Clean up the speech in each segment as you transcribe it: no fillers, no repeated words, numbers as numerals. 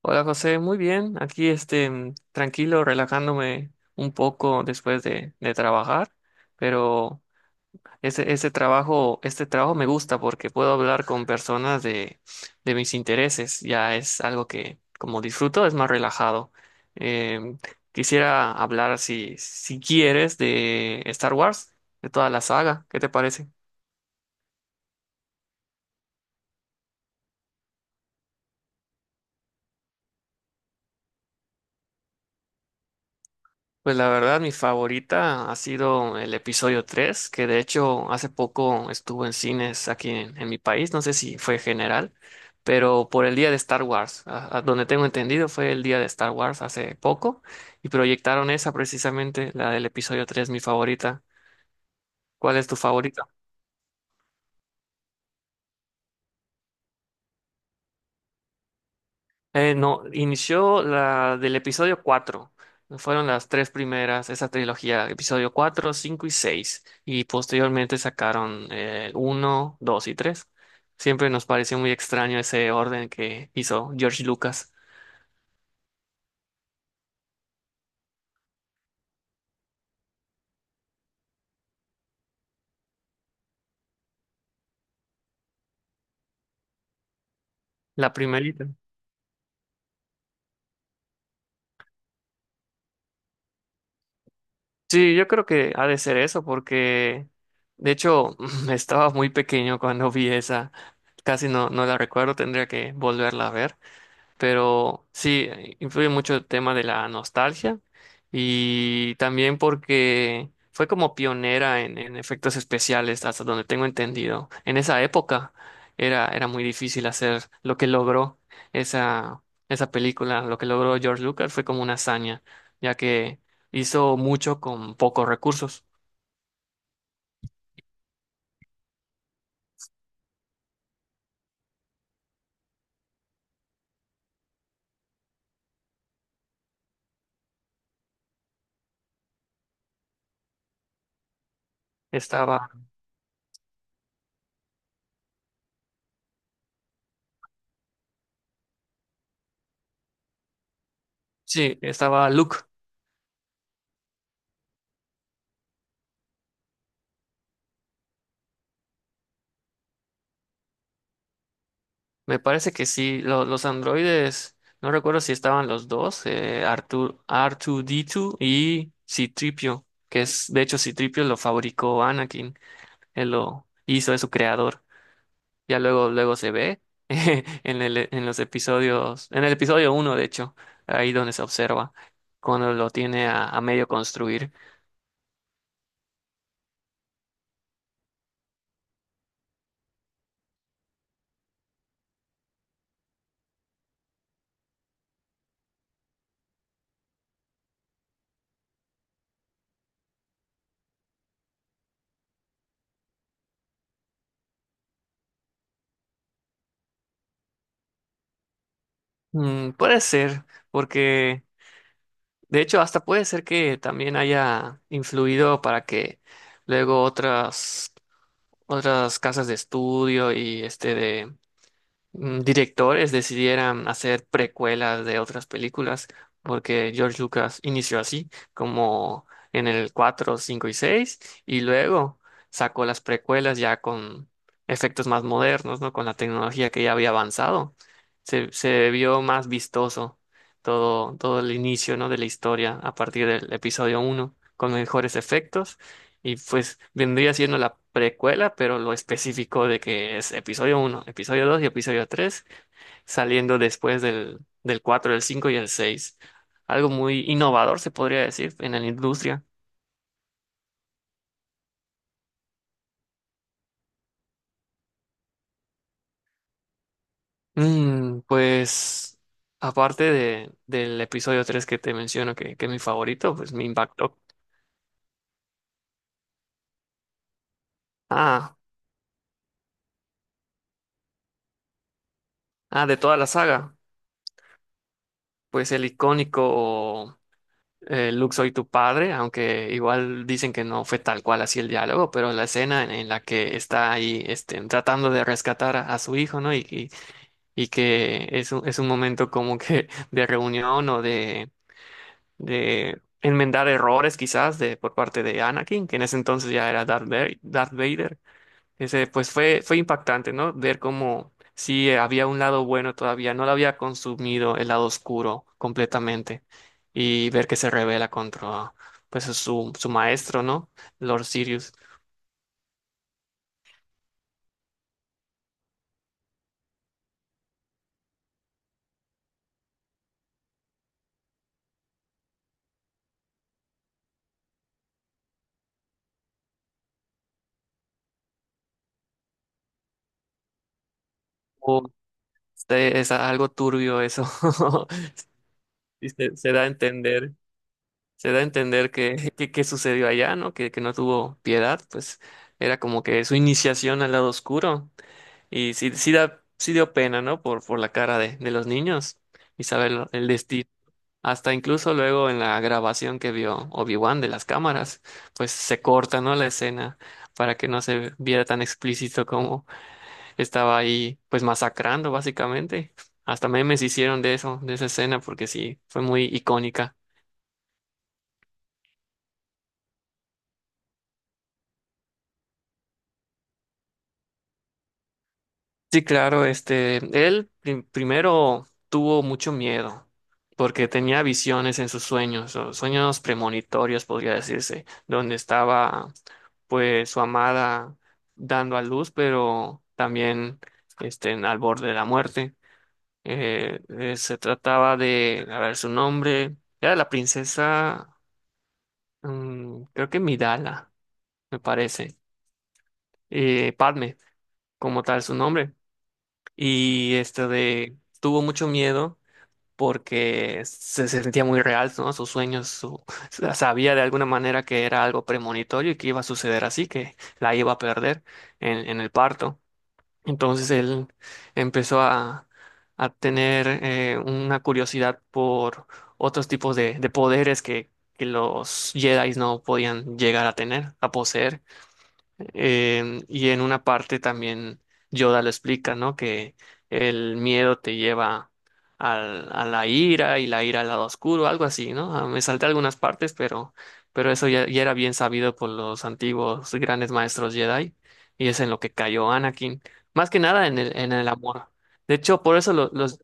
Hola José, muy bien. Aquí tranquilo, relajándome un poco después de trabajar, pero este trabajo me gusta porque puedo hablar con personas de mis intereses. Ya es algo que como disfruto, es más relajado. Em, Quisiera hablar si quieres de Star Wars, de toda la saga. ¿Qué te parece? Pues la verdad, mi favorita ha sido el episodio 3 que de hecho hace poco estuvo en cines aquí en mi país, no sé si fue general, pero por el día de Star Wars, a donde tengo entendido fue el día de Star Wars hace poco, y proyectaron esa precisamente, la del episodio 3 mi favorita. ¿Cuál es tu favorita? No, inició la del episodio 4. Fueron las tres primeras, esa trilogía, episodio 4, 5 y 6, y posteriormente sacaron 1, 2 y 3. Siempre nos pareció muy extraño ese orden que hizo George Lucas. La primerita. Sí, yo creo que ha de ser eso, porque de hecho estaba muy pequeño cuando vi esa. Casi no, no la recuerdo, tendría que volverla a ver. Pero sí, influye mucho el tema de la nostalgia y también porque fue como pionera en efectos especiales, hasta donde tengo entendido. En esa época era muy difícil hacer lo que logró esa, esa película, lo que logró George Lucas fue como una hazaña, ya que hizo mucho con pocos recursos. Estaba, sí, estaba Luke. Me parece que sí, los androides, no recuerdo si estaban los dos, Artur, R2D2 y Citripio, que es, de hecho, Citripio lo fabricó Anakin, él lo hizo, es su creador. Ya luego se ve en en los episodios, en el episodio uno de hecho, ahí donde se observa, cuando lo tiene a medio construir. Mm, puede ser, porque de hecho, hasta puede ser que también haya influido para que luego otras. Otras casas de estudio y directores decidieran hacer precuelas de otras películas, porque George Lucas inició así, como en el 4 5 y 6 y luego sacó las precuelas ya con efectos más modernos, ¿no? Con la tecnología que ya había avanzado. Se vio más vistoso todo el inicio, ¿no? De la historia a partir del episodio uno con mejores efectos y pues vendría siendo la precuela, pero lo específico de que es episodio uno episodio 2 y episodio 3 saliendo después del 4 el 5 y el seis. Algo muy innovador, se podría decir, en la industria. Pues aparte del episodio 3 que te menciono, que es mi favorito, pues me impactó. Ah, de toda la saga, pues el icónico Luke, soy tu padre, aunque igual dicen que no fue tal cual así el diálogo, pero la escena en la que está ahí este, tratando de rescatar a su hijo, ¿no? Y que es es un momento como que de reunión o de enmendar errores quizás de, por parte de Anakin, que en ese entonces ya era Darth Vader. Darth Vader. Ese, pues fue impactante, ¿no? Ver cómo sí había un lado bueno todavía, no lo había consumido el lado oscuro completamente y ver que se revela contra pues su maestro, ¿no? Lord Sirius. Oh, este, es algo turbio eso. Y se da a entender, se da a entender que sucedió allá, ¿no? Que no tuvo piedad, pues era como que su iniciación al lado oscuro. Y sí, sí dio pena, ¿no? Por la cara de los niños y saber el destino. Hasta incluso luego en la grabación que vio Obi-Wan de las cámaras, pues se corta, ¿no? La escena para que no se viera tan explícito como estaba ahí, pues masacrando básicamente. Hasta memes hicieron de eso, de esa escena, porque sí, fue muy icónica. Sí, claro, este, primero tuvo mucho miedo porque tenía visiones en sus sueños, o sueños premonitorios, podría decirse, donde estaba pues su amada dando a luz, pero también este, al borde de la muerte. Se trataba de, a ver, su nombre era la princesa, creo que Midala, me parece, Padme, como tal su nombre, y tuvo mucho miedo porque se sentía muy real, ¿no? Sus sueños, su, sabía de alguna manera que era algo premonitorio y que iba a suceder así, que la iba a perder en el parto. Entonces él empezó a, a tener una curiosidad por otros tipos de poderes que los Jedi no podían llegar a tener, a poseer. Y en una parte también Yoda lo explica, ¿no? Que el miedo te lleva a la ira y la ira al lado oscuro, algo así, ¿no? Me salté algunas partes, pero eso ya, ya era bien sabido por los antiguos grandes maestros Jedi y es en lo que cayó Anakin, más que nada en en el amor. De hecho, por eso los.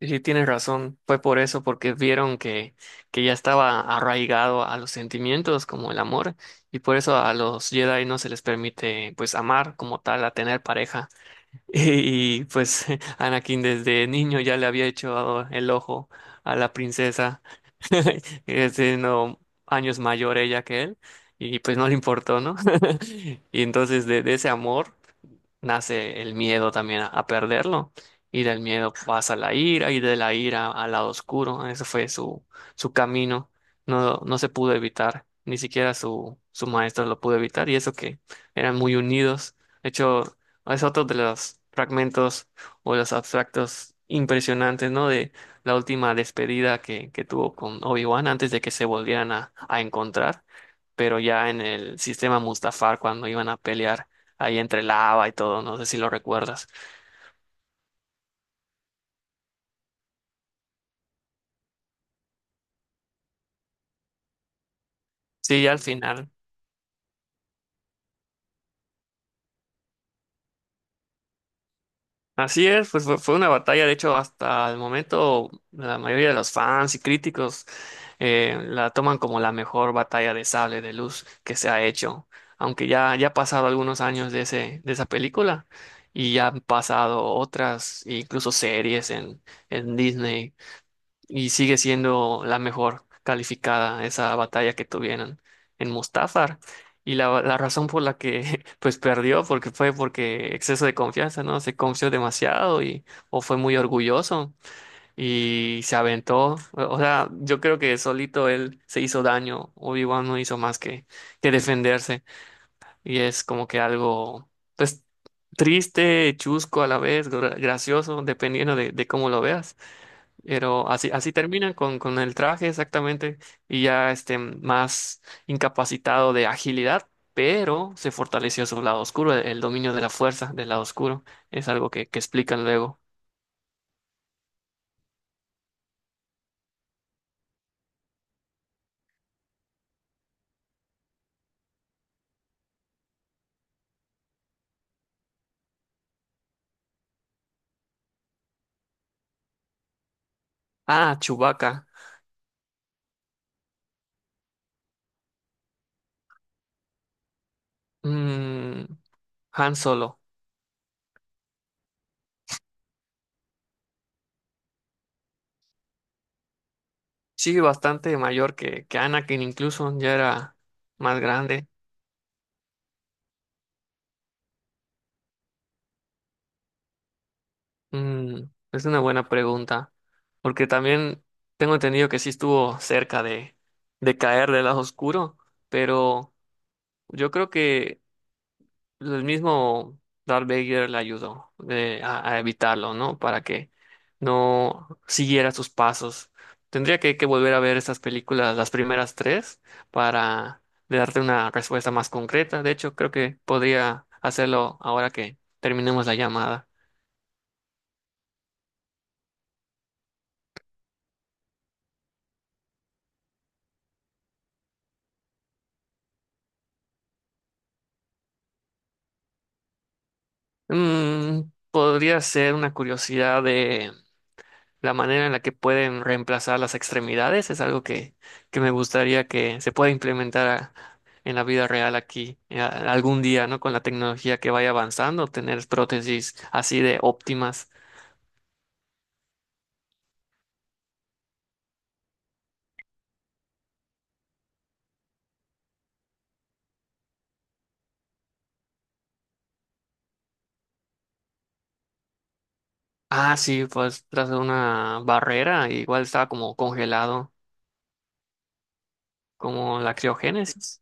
Sí, sí, tienes razón, fue por eso, porque vieron que ya estaba arraigado a los sentimientos como el amor, y por eso a los Jedi no se les permite pues amar como tal, a tener pareja. Y, pues Anakin desde niño ya le había hecho el ojo a la princesa, siendo años mayor ella que él, y pues no le importó, ¿no? Y entonces de ese amor nace el miedo también a perderlo. Y del miedo pasa la ira y de la ira al lado oscuro. Ese fue su camino. No, no se pudo evitar. Ni siquiera su maestro lo pudo evitar. Y eso que eran muy unidos. De hecho, es otro de los fragmentos o los abstractos impresionantes, ¿no? De la última despedida que tuvo con Obi-Wan antes de que se volvieran a encontrar pero ya en el sistema Mustafar cuando iban a pelear ahí entre lava y todo, no sé si lo recuerdas. Sí, ya al final. Así es, pues fue una batalla, de hecho, hasta el momento la mayoría de los fans y críticos la toman como la mejor batalla de sable de luz que se ha hecho, aunque ya ha pasado algunos años de de esa película y ya han pasado otras, incluso series en Disney y sigue siendo la mejor calificada esa batalla que tuvieron en Mustafar. Y la razón por la que pues perdió porque fue porque exceso de confianza, ¿no? Se confió demasiado y o fue muy orgulloso y se aventó. O sea, yo creo que solito él se hizo daño. Obi-Wan no hizo más que defenderse y es como que algo pues triste, chusco a la vez, gracioso, dependiendo de cómo lo veas. Pero así, así terminan con el traje exactamente y ya este más incapacitado de agilidad, pero se fortaleció su lado oscuro, el dominio de la fuerza del lado oscuro. Es algo que explican luego. Ah, Chewbacca. Mm, Han Solo. Sí, bastante mayor que Anakin, incluso ya era más grande. Mm, es una buena pregunta, porque también tengo entendido que sí estuvo cerca de caer del lado oscuro, pero... Yo creo que el mismo Darth Vader le ayudó a evitarlo, ¿no? Para que no siguiera sus pasos. Tendría que volver a ver estas películas, las primeras tres, para darte una respuesta más concreta. De hecho, creo que podría hacerlo ahora que terminemos la llamada. Mm, podría ser una curiosidad de... la manera en la que pueden reemplazar las extremidades es algo que me gustaría que se pueda implementar en la vida real aquí algún día, ¿no? Con la tecnología que vaya avanzando, tener prótesis así de óptimas. Ah, sí, pues tras una barrera, igual estaba como congelado, como la criogénesis.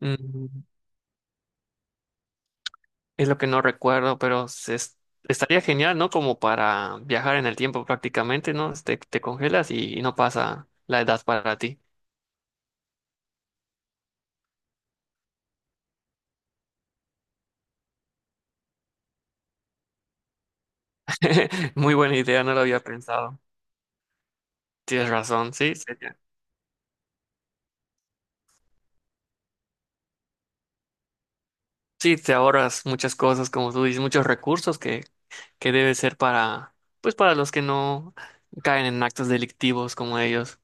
Mm, es lo que no recuerdo, pero estaría genial, ¿no? Como para viajar en el tiempo prácticamente, ¿no? Te congelas y no pasa la edad para ti. Muy buena idea, no lo había pensado. Tienes razón, sí, sería. Sí, te ahorras muchas cosas, como tú dices, muchos recursos que debe ser para, pues para los que no caen en actos delictivos como ellos.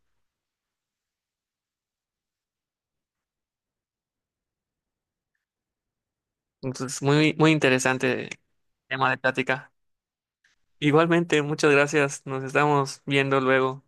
Entonces, muy interesante tema de plática. Igualmente, muchas gracias. Nos estamos viendo luego.